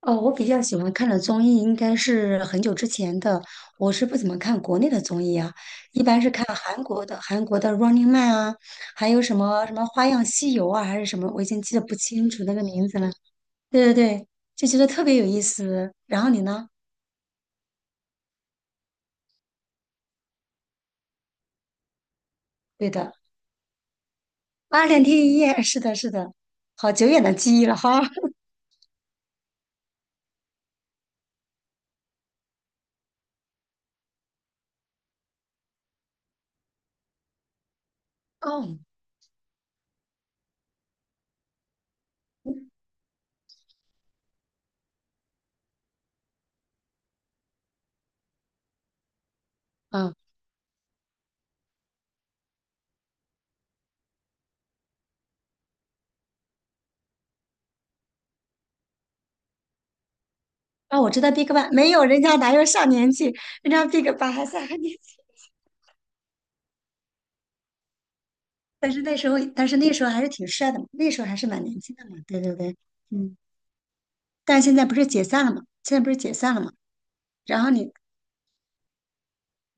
哦，我比较喜欢看的综艺应该是很久之前的，我是不怎么看国内的综艺啊，一般是看韩国的，韩国的《Running Man》啊，还有什么什么《花样西游》啊，还是什么，我已经记得不清楚那个名字了。对对对，就觉得特别有意思。然后你呢？对的，《八十天一夜》是的，是的，好久远的记忆了哈。哦，嗯，啊，我知道 Big Bang，没有，人家哪有上年纪，人家 Big Bang 还在。年。但是那时候还是挺帅的嘛，那时候还是蛮年轻的嘛，对对对，嗯，但现在不是解散了嘛，然后你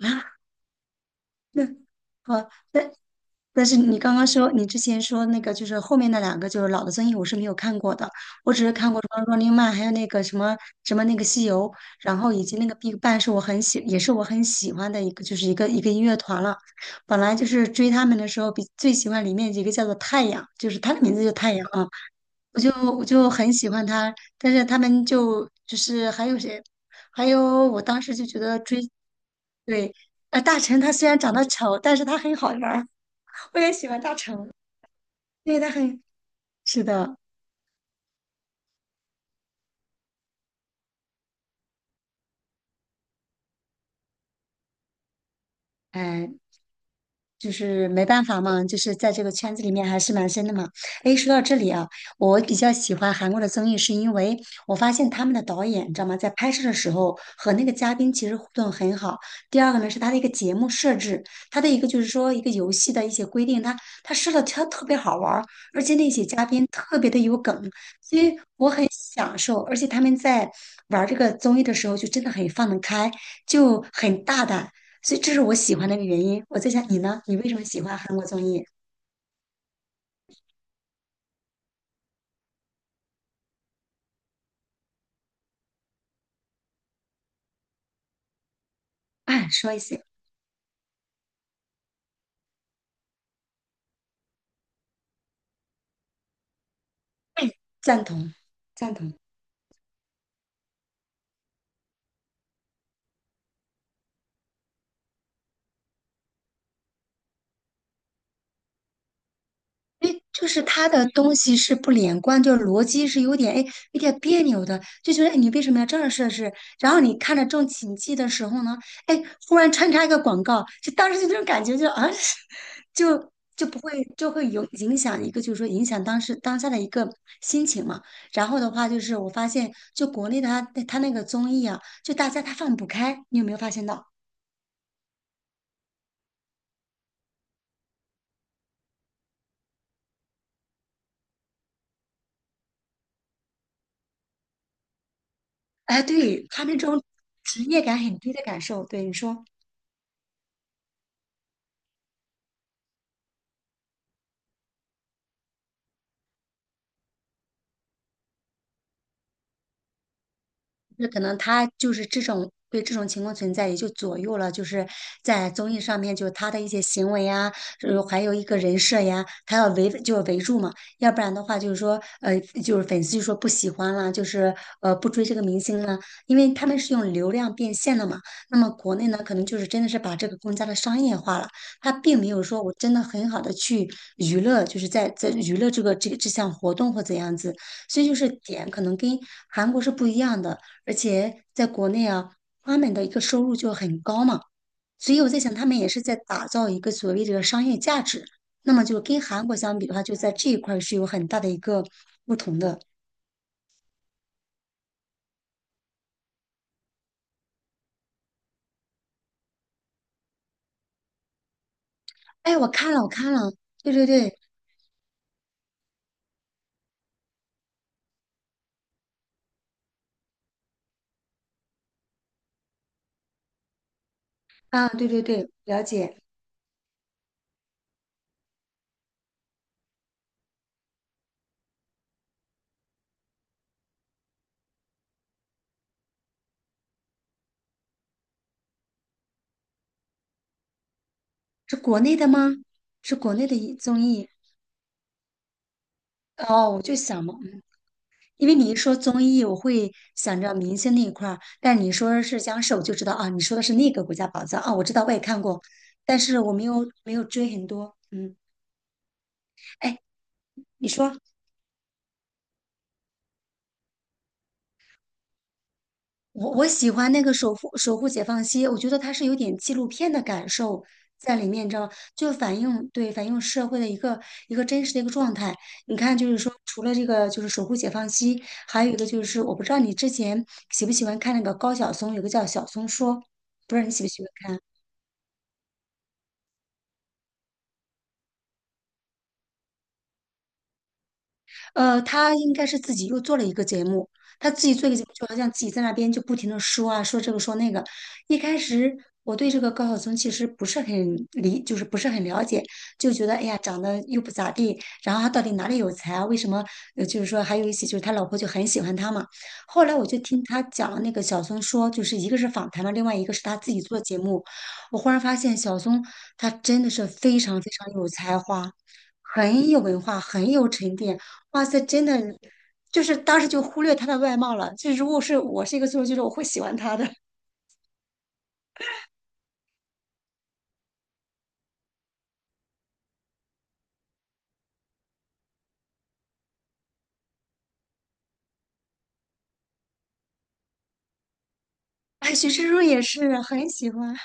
啊，那好，但是你刚刚说你之前说那个就是后面那两个就是老的综艺我是没有看过的，我只是看过什么《Running Man》，还有那个什么什么那个西游，然后以及那个 Big Bang 是我很喜，也是我很喜欢的一个就是一个音乐团了。本来就是追他们的时候，比最喜欢里面一个叫做太阳，就是他的名字就太阳啊。我就我就很喜欢他，但是他们就是还有谁，还有我当时就觉得追，对，大成他虽然长得丑，但是他很好玩儿，我也喜欢大成，因为他很，是的，哎，就是没办法嘛，就是在这个圈子里面还是蛮深的嘛。诶，说到这里啊，我比较喜欢韩国的综艺，是因为我发现他们的导演，你知道吗，在拍摄的时候和那个嘉宾其实互动很好。第二个呢是他的一个节目设置，他的一个就是说一个游戏的一些规定，他设的他特别好玩儿，而且那些嘉宾特别的有梗，所以享受，而且他们在玩这个综艺的时候就真的很放得开，就很大胆，所以这是我喜欢的一个原因。我在想你呢，你为什么喜欢韩国综艺？哎，说一些，赞同，赞同。诶，就是他的东西是不连贯，就是逻辑是有点哎，有点别扭的，就觉得哎，你为什么要这样设置？然后你看着正起劲的时候呢，哎，忽然穿插一个广告，就当时就那种感觉就啊 就就不会就会有影响一个，就是说影响当时当下的一个心情嘛。然后的话就是我发现，就国内的他那个综艺啊，就大家他放不开，你有没有发现到？哎，对，他那种职业感很低的感受，对你说。那可能他就是这种对这种情况存在，也就左右了，就是在综艺上面，就他的一些行为呀，还有一个人设呀，他要围就是围住嘛，要不然的话就是说，就是粉丝就说不喜欢啦，就是不追这个明星啦，因为他们是用流量变现的嘛。那么国内呢，可能就是真的是把这个更加的商业化了，他并没有说我真的很好的去娱乐，就是在娱乐这个这项活动或怎样子，所以就是点可能跟韩国是不一样的。而且在国内啊，他们的一个收入就很高嘛，所以我在想，他们也是在打造一个所谓的商业价值。那么就跟韩国相比的话，就在这一块儿是有很大的一个不同的。哎，我看了，我看了，对对对，啊，对对对，了解，是国内的吗？是国内的一综艺哦，我就想嘛，因为你一说综艺，我会想着明星那一块儿，但你说是僵尸，我就知道啊，你说的是那个国家宝藏啊，我知道我也看过，但是我没有没有追很多。嗯，哎，你说我喜欢那个守护解放西，我觉得它是有点纪录片的感受在里面，你知道吗？就反映社会的一个真实的一个状态。你看，就是说除了这个就是守护解放西，还有一个就是我不知道你之前喜不喜欢看那个高晓松，有个叫《晓松说》，不知道你喜不喜欢看。呃，他应该是自己又做了一个节目，他自己做一个节目，就好像自己在那边就不停的说啊，说这个说那个。一开始我对这个高晓松其实不是很理，就是不是很了解，就觉得哎呀，长得又不咋地，然后他到底哪里有才啊？为什么？呃，就是说还有一些就是他老婆就很喜欢他嘛。后来我就听他讲那个小松说，就是一个是访谈嘛，另外一个是他自己做节目，我忽然发现小松他真的是非常非常有才华。很有文化，很有沉淀。哇塞，真的，就是当时就忽略他的外貌了。就如果是我是一个苏州剧的，我会喜欢他的。哎，许志润也是很喜欢。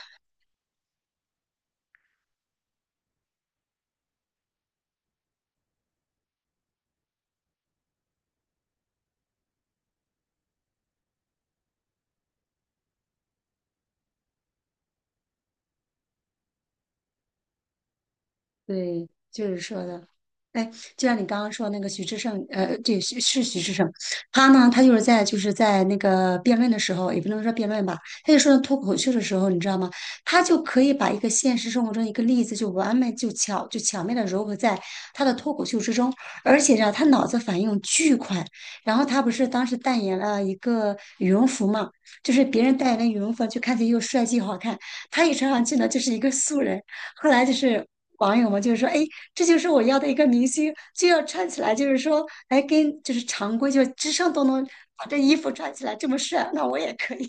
对，就是说的，哎，就像你刚刚说那个徐志胜，对，是徐志胜，他呢，他就是在那个辩论的时候，也不能说辩论吧，他就说到脱口秀的时候，你知道吗？他就可以把一个现实生活中一个例子就完美就巧妙的糅合在他的脱口秀之中，而且呢，他脑子反应巨快。然后他不是当时代言了一个羽绒服嘛，就是别人代言的羽绒服，就看起来又帅气又好看，他一穿上去呢，就是一个素人。后来就是网友嘛，就是说，哎，这就是我要的一个明星，就要穿起来，就是说，哎，跟就是常规，就是时尚都能把这衣服穿起来这么帅，那我也可以。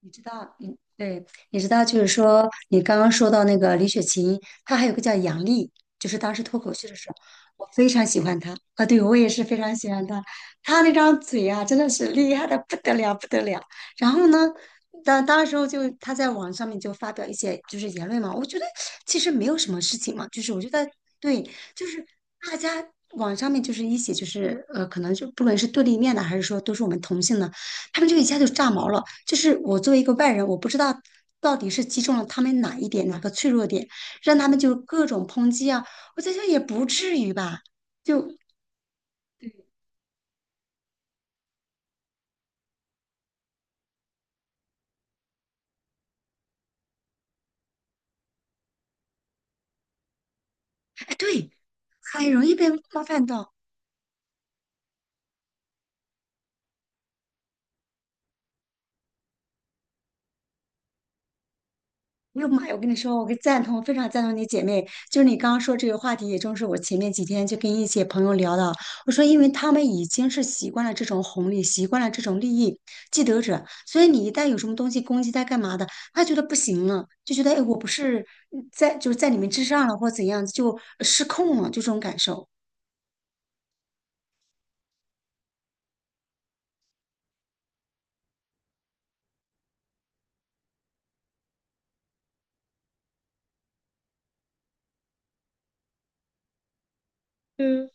你知道，嗯，对，你知道，就是说，你刚刚说到那个李雪琴，她还有个叫杨丽，就是当时脱口秀的时候，我非常喜欢她啊，对，我也是非常喜欢她，她那张嘴啊，真的是厉害的不得了，不得了。然后呢，当时候就她在网上面就发表一些就是言论嘛，我觉得其实没有什么事情嘛，就是我觉得对，就是大家网上面就是一起可能就不论是对立面的，还是说都是我们同性的。他们就一下就炸毛了。就是我作为一个外人，我不知道到底是击中了他们哪一点，哪个脆弱点，让他们就各种抨击啊。我在想也不至于吧，就，哎，对，很容易被冒犯到。哎呦妈呀！我跟你说，我跟赞同，非常赞同你姐妹。就是你刚刚说这个话题，也正是我前面几天就跟一些朋友聊的。我说，因为他们已经是习惯了这种红利，习惯了这种利益既得者，所以你一旦有什么东西攻击他干嘛的，他觉得不行了，就觉得哎，我不是在就是在你们之上了，或怎样，就失控了，就这种感受。嗯，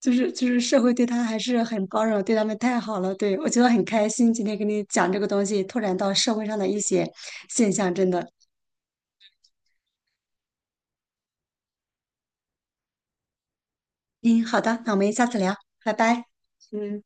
就是社会对他还是很包容，对他们太好了。对，我觉得很开心，今天跟你讲这个东西，拓展到社会上的一些现象，真的。嗯，好的，那我们下次聊，拜拜。嗯。